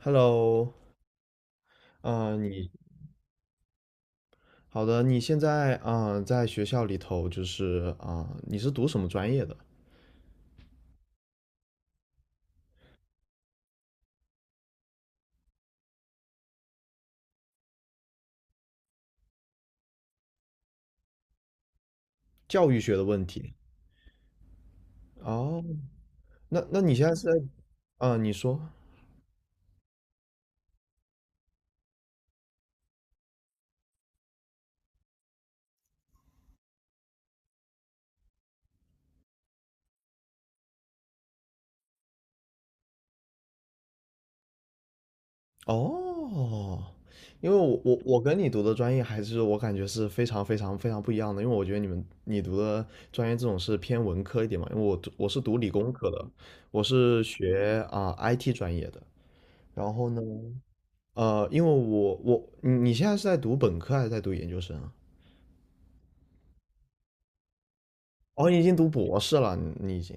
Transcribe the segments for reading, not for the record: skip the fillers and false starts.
Hello，啊、你好的，你现在在学校里头就是你是读什么专业的？教育学的问题。哦，那你现在是在。啊、你说哦，因为我跟你读的专业，还是我感觉是非常非常非常不一样的。因为我觉得你读的专业这种是偏文科一点嘛，因为我是读理工科的，我是学IT 专业的。然后呢，因为你现在是在读本科还是在读研究生啊？哦，你已经读博士了，你已经。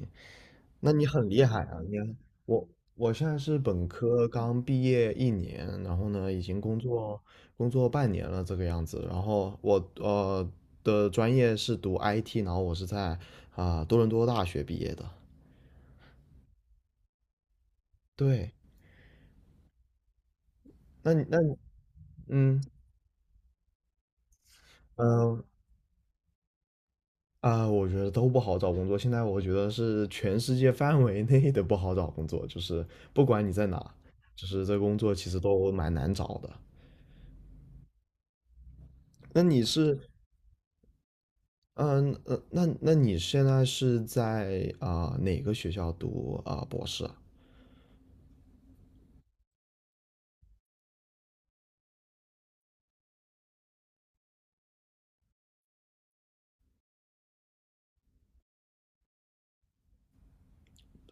那你很厉害啊！你看我我现在是本科刚毕业一年，然后呢，已经工作半年了这个样子。然后我的专业是读 IT，然后我是在多伦多大学毕业的。对。那你那你嗯嗯、呃啊，我觉得都不好找工作。现在我觉得是全世界范围内的不好找工作，就是不管你在哪，就是这工作其实都蛮难找的。那你是，那你现在是在哪个学校读博士啊？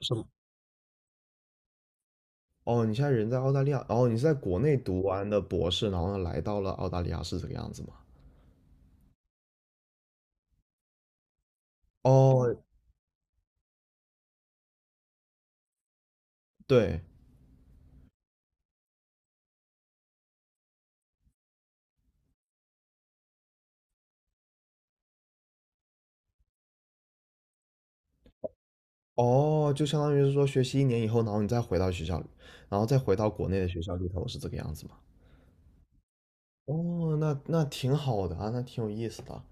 是吗？哦，你现在人在澳大利亚。哦，你是在国内读完的博士，然后呢来到了澳大利亚，是这个样子吗？哦，对。哦，就相当于是说学习一年以后，然后你再回到学校里，然后再回到国内的学校里头，是这个样子吗？哦，那挺好的啊，那挺有意思的啊。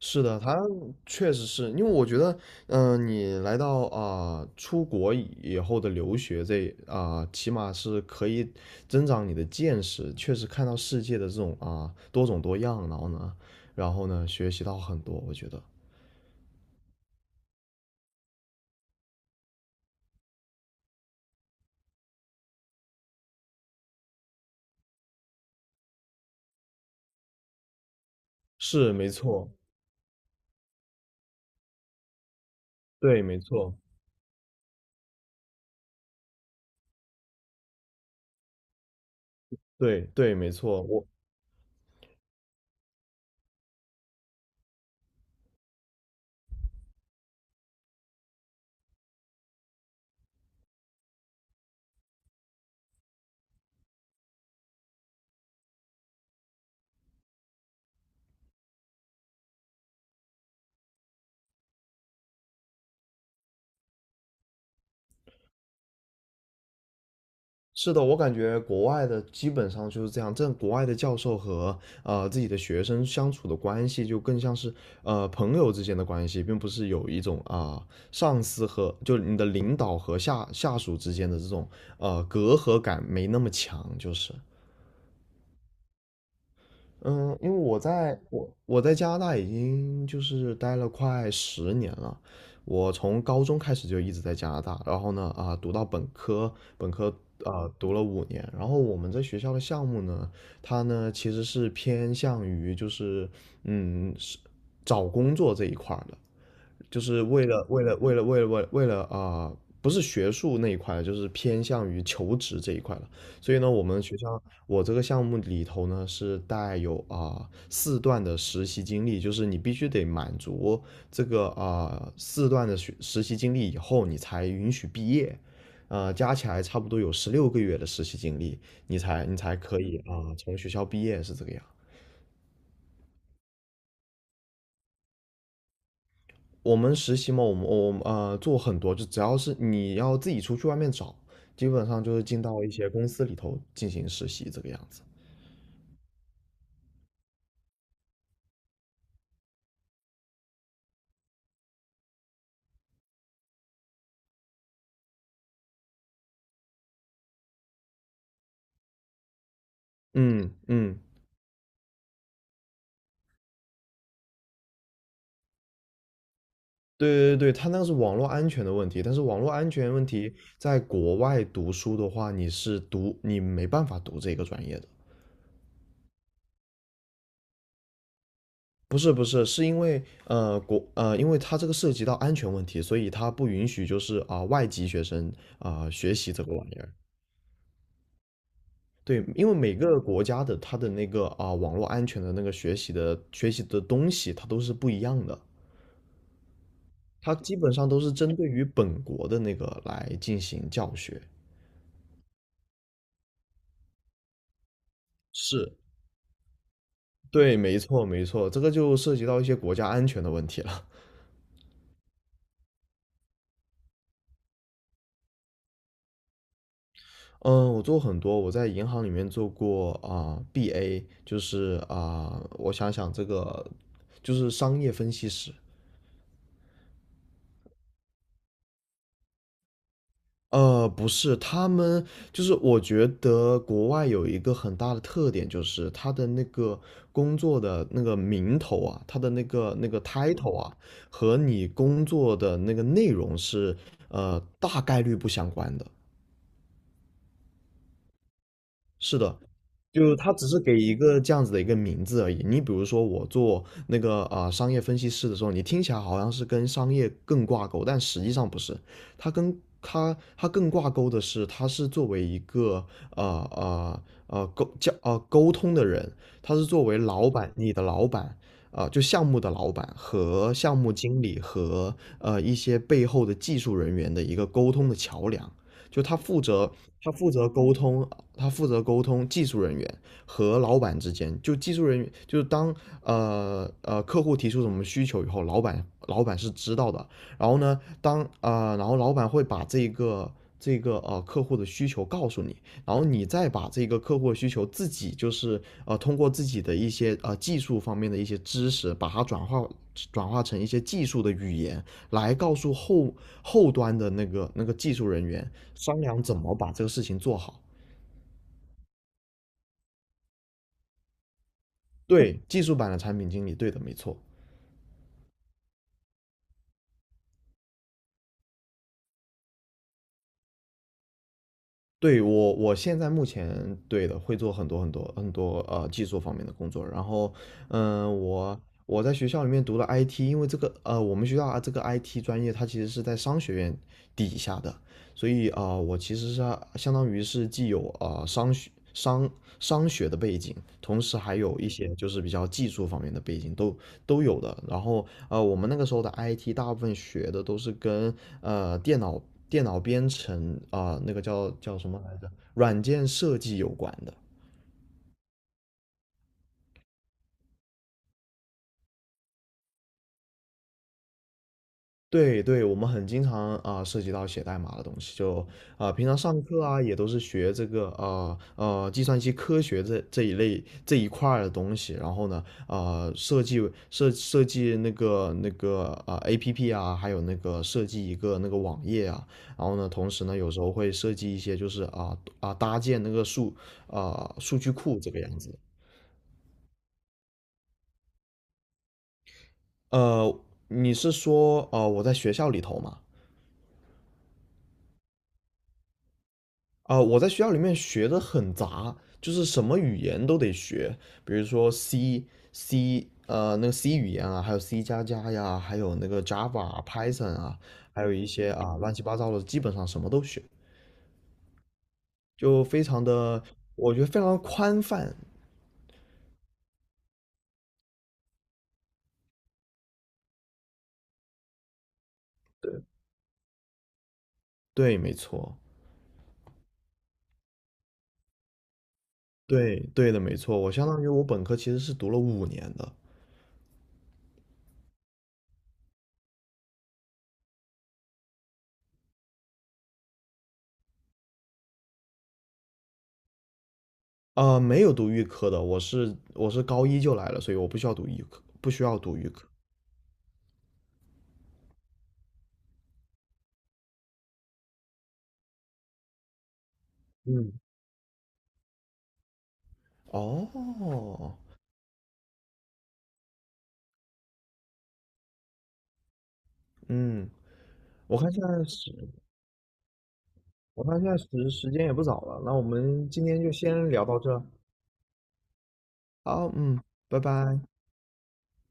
是的，他确实是。因为我觉得你来到出国以后的留学这起码是可以增长你的见识，确实看到世界的这种多种多样。然后呢，学习到很多，我觉得是没错。对，没错。对对，没错。是的。我感觉国外的基本上就是这样。这国外的教授和自己的学生相处的关系就更像是朋友之间的关系，并不是有一种上司和就你的领导和下属之间的这种隔阂感没那么强，就是。嗯，因为我在加拿大已经就是待了快10年了。我从高中开始就一直在加拿大，然后呢读到本科，本科啊、读了五年。然后我们这学校的项目呢，它呢其实是偏向于就是是找工作这一块儿的，就是为了为了为了为了为了为了啊、不是学术那一块了，就是偏向于求职这一块了。所以呢，我们学校我这个项目里头呢是带有啊、四段的实习经历，就是你必须得满足这个啊、四段的实习经历以后，你才允许毕业。加起来差不多有16个月的实习经历，你才可以从学校毕业是这个样。我们实习嘛，我们做很多，就只要是你要自己出去外面找，基本上就是进到一些公司里头进行实习这个样子。嗯嗯。对对对，他那个是网络安全的问题，但是网络安全问题在国外读书的话，你没办法读这个专业的。不是，是因为因为它这个涉及到安全问题，所以它不允许就是外籍学生学习这个玩意儿。对，因为每个国家的它的那个网络安全的那个学习的东西，它都是不一样的，它基本上都是针对于本国的那个来进行教学。是。对，没错，没错，这个就涉及到一些国家安全的问题了。嗯，我做很多，我在银行里面做过BA，就是我想想，这个就是商业分析师。不是，就是我觉得国外有一个很大的特点，就是他的那个工作的那个名头啊，他的那个title 啊，和你工作的那个内容是大概率不相关的。是的，就他只是给一个这样子的一个名字而已。你比如说，我做那个商业分析师的时候，你听起来好像是跟商业更挂钩，但实际上不是。他跟他他更挂钩的是，他是作为一个呃沟通的人，他是作为老板，你的老板。就项目的老板和项目经理和一些背后的技术人员的一个沟通的桥梁。就他负责他负责沟通他负责沟通技术人员和老板之间。就技术人员，就是当客户提出什么需求以后，老板是知道的。然后呢，然后老板会把这个客户的需求告诉你，然后你再把这个客户的需求自己就是通过自己的一些技术方面的一些知识，把它转化成一些技术的语言，来告诉后端的那个技术人员商量怎么把这个事情做好。对，技术版的产品经理，对的，没错。对。我现在目前对的会做很多很多很多技术方面的工作。然后，嗯，我我在学校里面读了 IT，因为这个我们学校这个 IT 专业它其实是在商学院底下的，所以我其实是相当于是既有商学的背景，同时还有一些就是比较技术方面的背景都有的。然后我们那个时候的 IT 大部分学的都是跟呃电脑电脑编程那个叫什么来着，软件设计有关的。对对，我们很经常涉及到写代码的东西，就平常上课也都是学这个计算机科学这一类这一块儿的东西，然后呢啊、设计设计那个APP 啊，还有那个设计一个那个网页啊，然后呢同时呢有时候会设计一些就是搭建那个数据库这个样子。呃，你是说我在学校里头吗？我在学校里面学的很杂，就是什么语言都得学，比如说 C、C 呃那个 C 语言啊，还有 C 加加呀，还有那个 Java 啊 Python 啊，还有一些乱七八糟的，基本上什么都学，就非常的，我觉得非常宽泛。对，没错，对对的，没错。我相当于我本科其实是读了五年的，没有读预科的，我是高一就来了，所以我不需要读预科，不需要读预科。嗯，哦，嗯，我看现在时，我看现在时时间也不早了，那我们今天就先聊到这。好，嗯，拜拜。